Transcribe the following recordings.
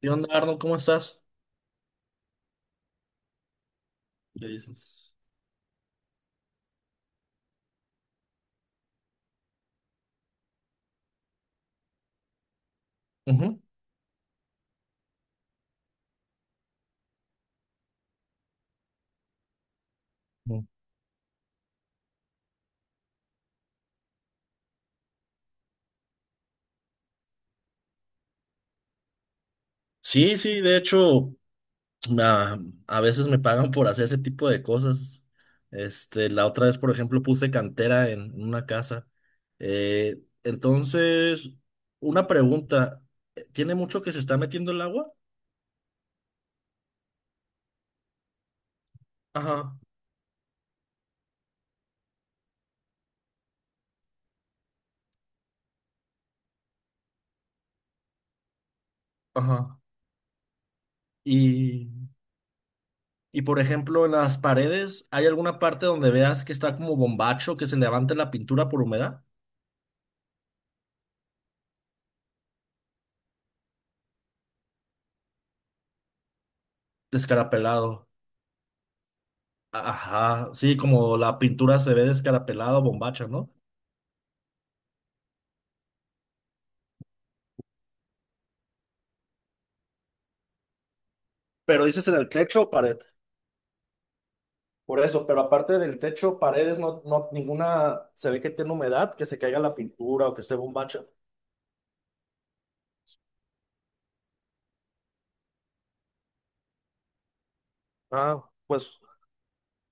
¿Qué onda, Arnold? ¿Cómo estás? Le dices. Ujú. Ujú. Sí, sí, de hecho, a, a veces me pagan por hacer ese tipo de cosas. Este, la otra vez, por ejemplo, puse cantera en una casa. Entonces, una pregunta, ¿tiene mucho que se está metiendo el agua? Ajá, ajá. Y, y por ejemplo, en las paredes, ¿hay alguna parte donde veas que está como bombacho, que se levante la pintura por humedad? Descarapelado. Ajá, sí, como la pintura se ve descarapelada o bombacha, ¿no? Pero dices en el techo o pared. Por eso, pero aparte del techo, paredes, no, no, ninguna se ve que tiene humedad, que se caiga la pintura o que esté bombacha. Ah, pues.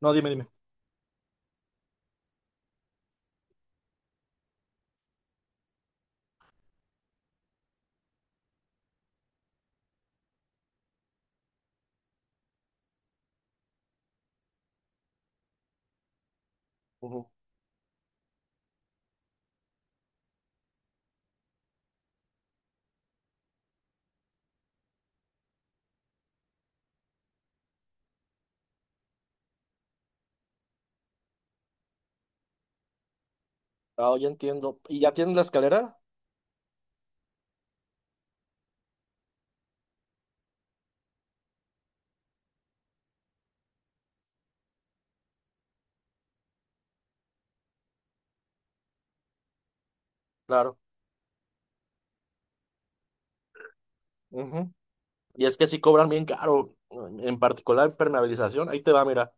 No, dime, dime. Ujú. Ah, ya entiendo. ¿Y ya tienen la escalera? Claro. Ujú. Y es que sí cobran bien caro, en particular impermeabilización. Ahí te va, mira.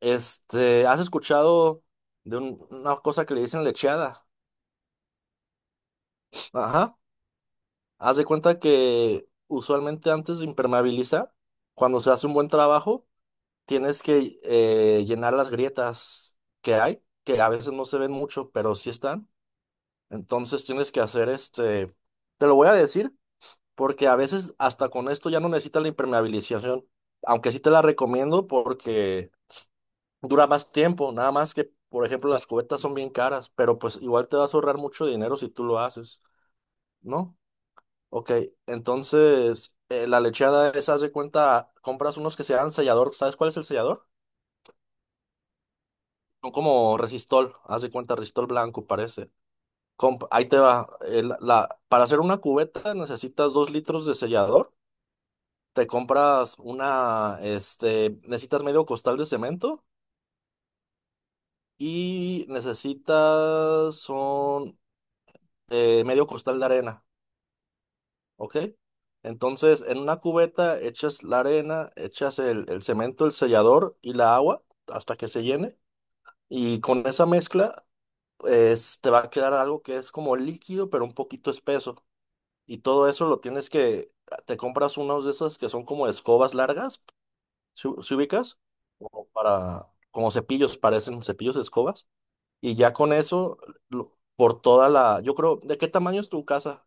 Este, ¿has escuchado de una cosa que le dicen lecheada? Ajá. Haz de cuenta que usualmente antes de impermeabilizar, cuando se hace un buen trabajo, tienes que llenar las grietas que hay, que a veces no se ven mucho, pero sí están. Entonces tienes que hacer este, te lo voy a decir, porque a veces hasta con esto ya no necesitas la impermeabilización, aunque sí te la recomiendo porque dura más tiempo, nada más que, por ejemplo, las cubetas son bien caras, pero pues igual te vas a ahorrar mucho dinero si tú lo haces, ¿no? Ok, entonces la lecheada es, haz de cuenta, compras unos que sean sellador. ¿Sabes cuál es el sellador? Son como resistol, haz de cuenta, resistol blanco parece. Ahí te va, para hacer una cubeta necesitas 2 litros de sellador, te compras una, este, necesitas medio costal de cemento y necesitas, son medio costal de arena. ¿Ok? Entonces, en una cubeta echas la arena, echas el cemento, el sellador y la agua hasta que se llene. Y con esa mezcla, te va a quedar algo que es como líquido, pero un poquito espeso. Y todo eso lo tienes que, te compras unos de esos que son como escobas largas, si ubicas, como para, como cepillos, parecen cepillos de escobas. Y ya con eso, por toda la, yo creo. ¿De qué tamaño es tu casa?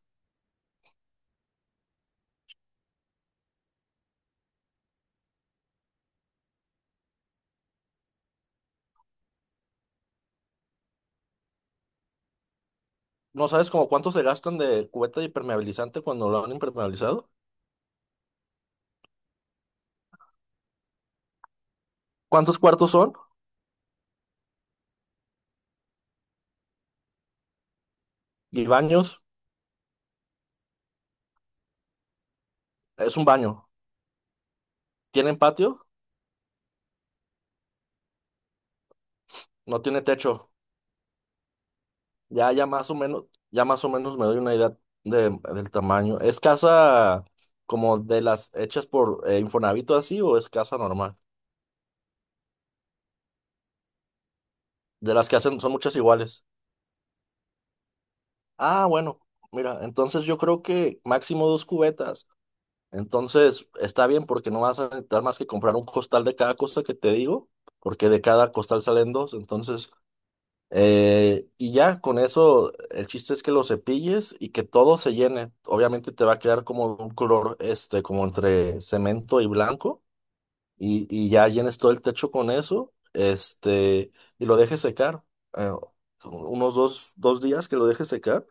¿No sabes como cuánto se gastan de cubeta de impermeabilizante cuando lo han impermeabilizado? ¿Cuántos cuartos son? Y baños. Es un baño. ¿Tienen patio? No tiene techo. Ya, ya más o menos, ya más o menos me doy una idea del tamaño. ¿Es casa como de las hechas por Infonavit o así, o es casa normal? De las que hacen, son muchas iguales. Ah, bueno. Mira, entonces yo creo que máximo 2 cubetas. Entonces, está bien porque no vas a necesitar más que comprar un costal de cada cosa que te digo, porque de cada costal salen dos. Entonces, y ya con eso, el chiste es que lo cepilles y que todo se llene. Obviamente te va a quedar como un color, este, como entre cemento y blanco, y ya llenes todo el techo con eso, este, y lo dejes secar, eh, unos dos días que lo dejes secar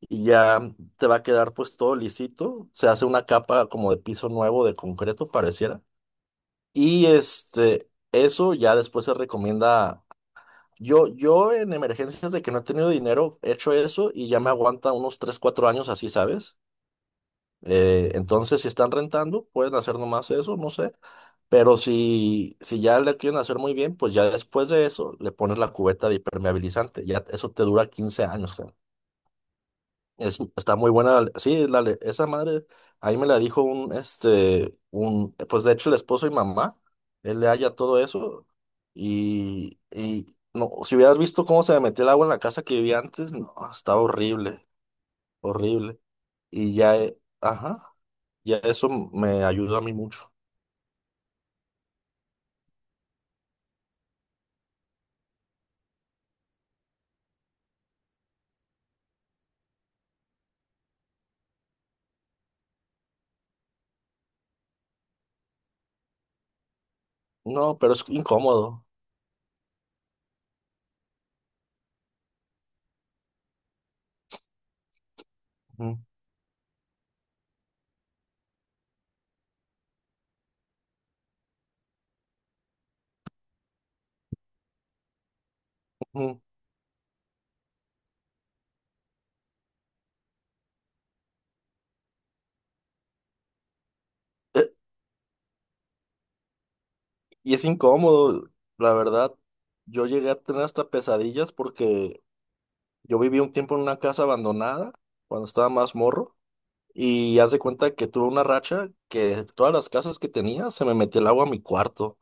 y ya te va a quedar pues todo lisito. Se hace una capa como de piso nuevo de concreto, pareciera. Y este, eso ya después se recomienda. Yo en emergencias de que no he tenido dinero, he hecho eso y ya me aguanta unos 3 4 años así, ¿sabes? Entonces, si están rentando, pueden hacer nomás eso, no sé. Pero si ya le quieren hacer muy bien, pues ya después de eso le pones la cubeta de impermeabilizante. Ya eso te dura 15 años. Es, está muy buena. Sí, esa madre, ahí me la dijo un, este, un, pues de hecho el esposo y mamá, él le halla todo eso. Y no, si hubieras visto cómo se me metió el agua en la casa que vivía antes, no, estaba horrible, horrible. Y ya, ajá, ya eso me ayudó a mí mucho. No, pero es incómodo. Ujú, ujú. Eh, Y es incómodo, la verdad. Yo llegué a tener hasta pesadillas porque yo viví un tiempo en una casa abandonada cuando estaba más morro y haz de cuenta que tuve una racha que todas las casas que tenía se me metía el agua a mi cuarto.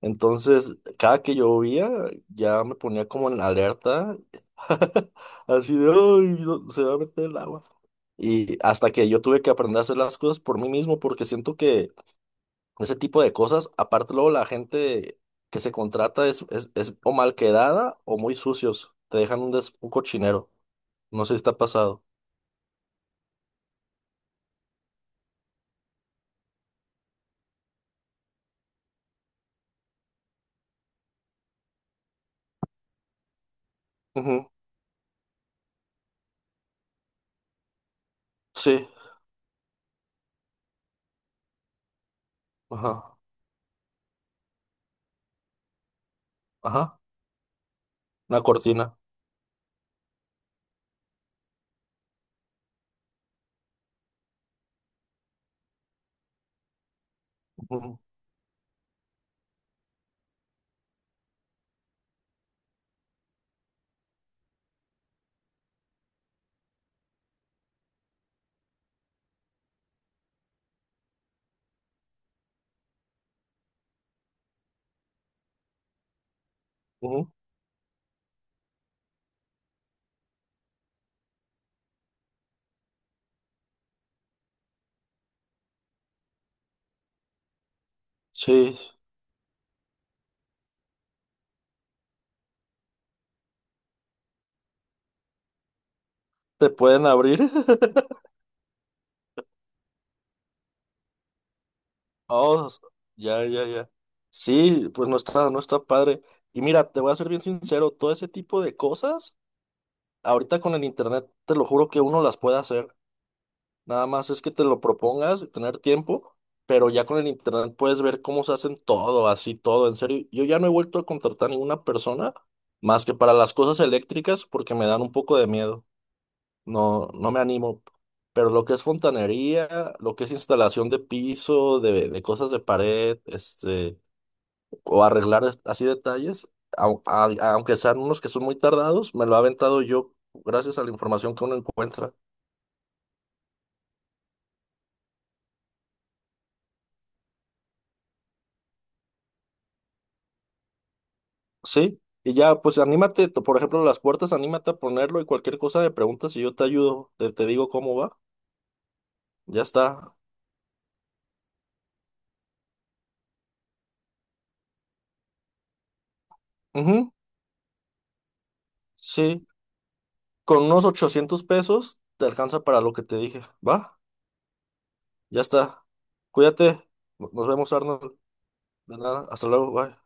Entonces, cada que llovía ya me ponía como en alerta, así de, "Ay, no, se va a meter el agua". Y hasta que yo tuve que aprender a hacer las cosas por mí mismo, porque siento que ese tipo de cosas, aparte luego la gente que se contrata es o mal quedada o muy sucios, te dejan un, un cochinero. No sé si está pasado. Ujú. Sí, ajá, ajá, una cortina. Ujú, ujú. Sí, te pueden abrir. Oh, ya, ya, ya. Sí, pues no está, no está padre. Y mira, te voy a ser bien sincero, todo ese tipo de cosas, ahorita con el internet, te lo juro que uno las puede hacer. Nada más es que te lo propongas, tener tiempo, pero ya con el internet puedes ver cómo se hacen todo, así todo, en serio. Yo ya no he vuelto a contratar ninguna persona más que para las cosas eléctricas porque me dan un poco de miedo. No, no me animo. Pero lo que es fontanería, lo que es instalación de piso, de cosas de pared, este, o arreglar así detalles, aunque sean unos que son muy tardados, me lo ha aventado yo gracias a la información que uno encuentra. Sí, y ya, pues anímate, por ejemplo, las puertas, anímate a ponerlo y cualquier cosa me preguntas y yo te ayudo, te digo cómo va, ya está. Ujú, sí, con unos 800 pesos te alcanza para lo que te dije, va, ya está. Cuídate, no, nos vemos, Arnold, de nada, hasta luego, bye.